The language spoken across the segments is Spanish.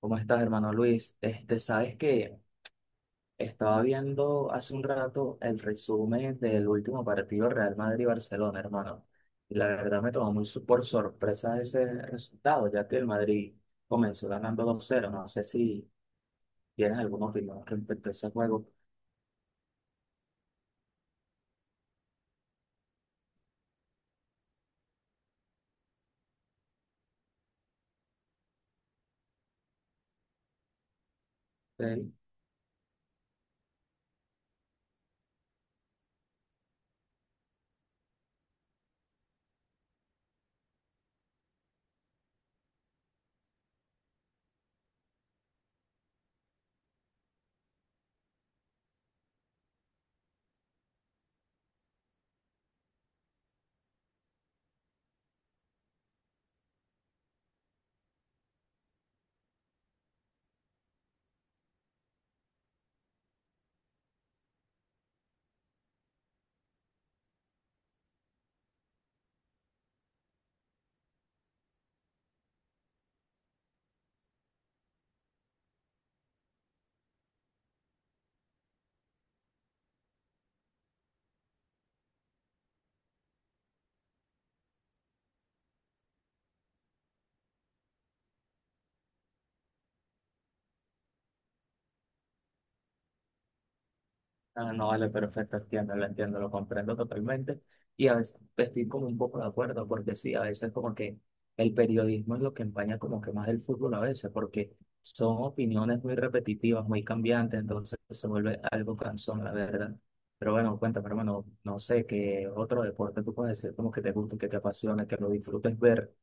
¿Cómo estás, hermano Luis? Sabes que estaba viendo hace un rato el resumen del último partido Real Madrid-Barcelona, hermano. Y la verdad me tomó por sorpresa ese resultado, ya que el Madrid comenzó ganando 2-0. No sé si tienes alguna opinión respecto a ese juego. Ok. Ah, no, vale, perfecto, entiendo, lo comprendo totalmente. Y a veces estoy como un poco de acuerdo, porque sí, a veces como que el periodismo es lo que empaña como que más el fútbol a veces, porque son opiniones muy repetitivas, muy cambiantes, entonces se vuelve algo cansón, la verdad. Pero bueno, cuéntame, hermano, no sé qué otro deporte tú puedes decir como que te guste, que te apasione, que lo disfrutes ver.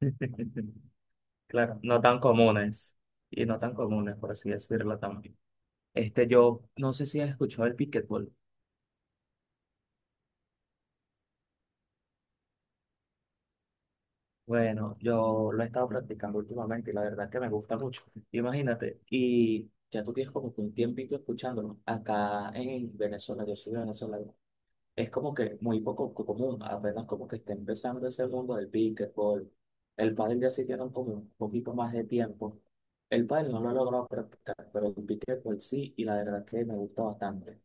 Claro, no tan comunes, y no tan comunes, por así decirlo también. Yo no sé si has escuchado el pickleball. Bueno, yo lo he estado practicando últimamente y la verdad es que me gusta mucho. Imagínate, y ya tú tienes como que un tiempito escuchándolo. Acá en Venezuela, yo soy venezolano, es como que muy común, apenas como que está empezando ese mundo del pickleball. El pádel ya sí tiene como un poquito más de tiempo. El pádel no lo he logrado practicar, pero el pickleball sí, y la verdad es que me gusta bastante.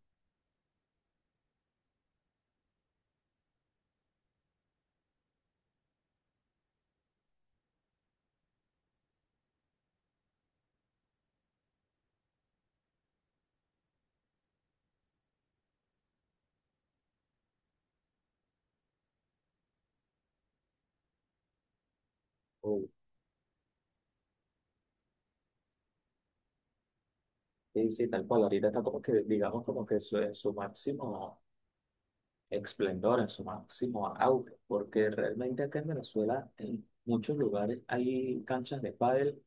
Uy, sí, sí, tal cual. Ahorita está como que, digamos, como que su, en su máximo esplendor, en su máximo auge, porque realmente acá en Venezuela, en muchos lugares hay canchas de pádel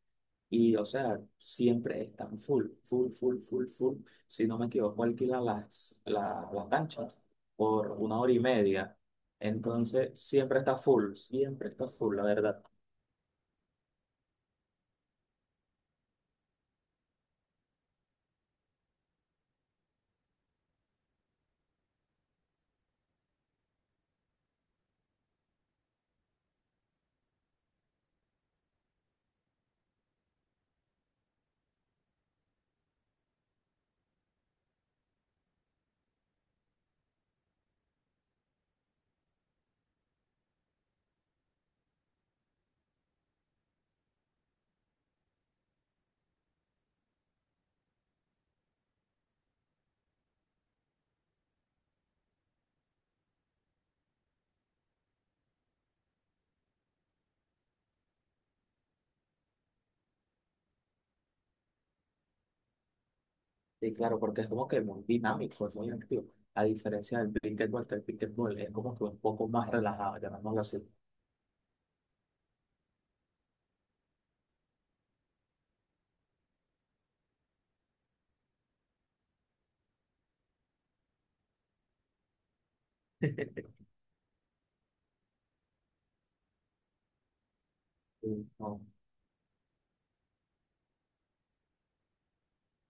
y, o sea, siempre están full, full, full, full, full. Si no me equivoco, alquilan las canchas por una hora y media. Entonces, siempre está full, la verdad. Y claro, porque es como que muy dinámico, es muy activo. A diferencia del pickleball, que el pickleball es como que un poco más relajado, llamémoslo así. No.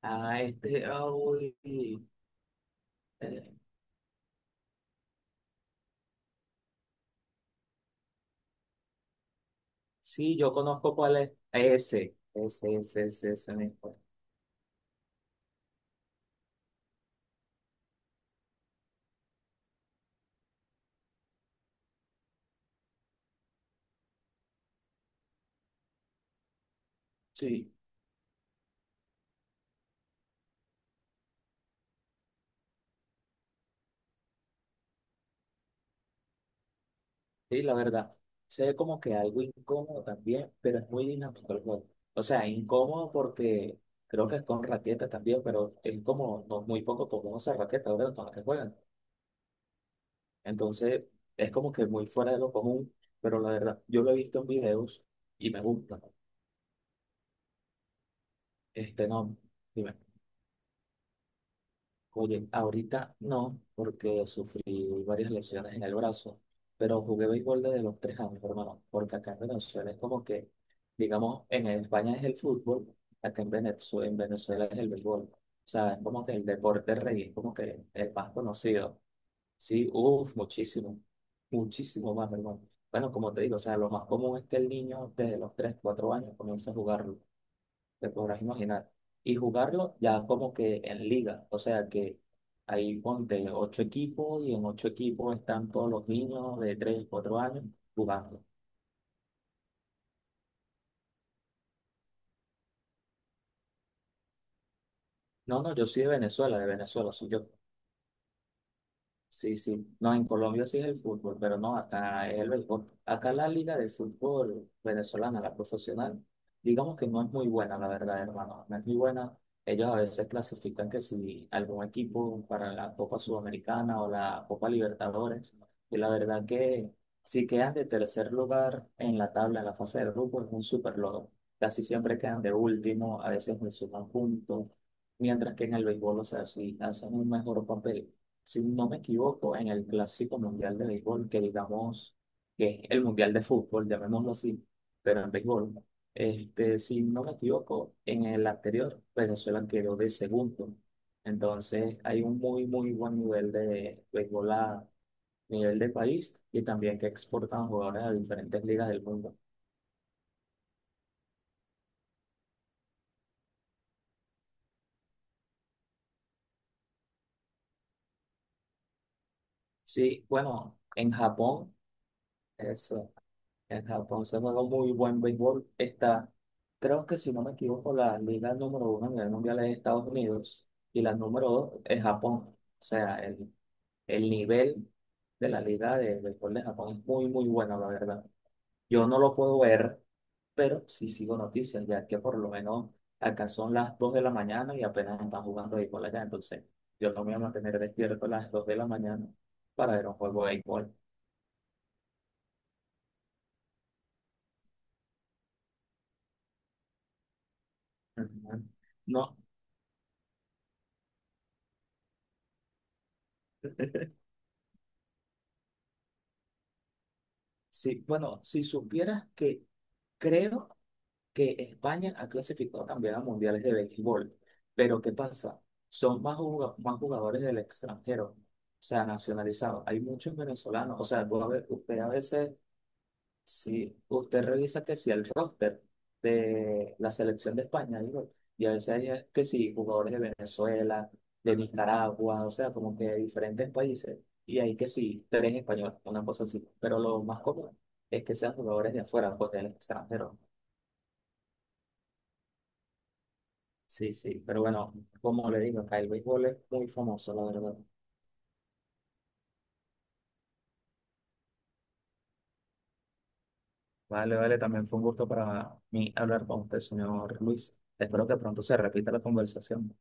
Ah, ah, uy, eh, sí, yo conozco cuál es. Ese mismo. Sí, sí, la verdad. Sé como que algo incómodo también, pero es muy dinámico el juego. O sea, incómodo porque creo que es con raqueta también, pero es como no, muy poco común esa raqueta, ¿verdad? Con la que juegan. Entonces, es como que muy fuera de lo común, pero la verdad, yo lo he visto en videos y me gusta. No. Jugué, ahorita no, porque sufrí varias lesiones en el brazo, pero jugué béisbol desde los 3 años, hermano, porque acá en Venezuela es como que, digamos, en España es el fútbol, acá en Venezuela es el béisbol. O sea, es como que el deporte rey, es como que el más conocido. Sí, uff, muchísimo, muchísimo más, hermano. Bueno, como te digo, o sea, lo más común es que el niño desde los tres, cuatro años comience a jugarlo, te podrás imaginar. Y jugarlo ya como que en liga, o sea que ahí ponte ocho equipos y en ocho equipos están todos los niños de tres, cuatro años jugando. No, no, yo soy de Venezuela, soy yo. Sí, sí. No, en Colombia sí es el fútbol, pero no, acá es el béisbol. Acá la liga de fútbol venezolana, la profesional, digamos que no es muy buena, la verdad, hermano. No es muy buena. Ellos a veces clasifican que si algún equipo para la Copa Sudamericana o la Copa Libertadores, y la verdad que si quedan de tercer lugar en la tabla, en la fase de grupo, es un súper logro. Casi siempre quedan de último, a veces ni suman puntos, mientras que en el béisbol, o sea, sí hacen un mejor papel si no me equivoco, en el Clásico Mundial de Béisbol, que digamos que es el Mundial de Fútbol, llamémoslo así, pero en béisbol, si no me equivoco, en el anterior Venezuela quedó de segundo. Entonces hay un muy, muy buen nivel de béisbol a nivel de país y también que exportan jugadores a diferentes ligas del mundo. Sí, bueno, en Japón. En Japón se juega muy buen béisbol. Está, creo que si no me equivoco, la liga número uno a nivel mundial es Estados Unidos y la número dos es Japón. O sea, el nivel de la liga de béisbol de Japón es muy, muy bueno, la verdad. Yo no lo puedo ver, pero sí sigo noticias, ya que por lo menos acá son las 2 de la mañana y apenas están jugando béisbol allá. Entonces, yo no me voy a mantener despierto a las 2 de la mañana para ver un juego de béisbol. Ujú. No, sí, bueno, si supieras que creo que España ha clasificado también a mundiales de béisbol, pero ¿qué pasa? Son más, más jugadores del extranjero, o sea, nacionalizados. Hay muchos venezolanos, o sea, usted a veces sí, usted revisa que si el roster de la selección de España, digo, y a veces hay que sí, jugadores de Venezuela, de Nicaragua, o sea, como que de diferentes países, y hay que sí, tres españoles, una cosa así, pero lo más común es que sean jugadores de afuera, pues del extranjero. Sí, sí, pero bueno, como le digo, acá el béisbol es muy famoso, la verdad. Vale, vale, también fue un gusto para mí hablar con usted, señor Luis. Espero que pronto se repita la conversación.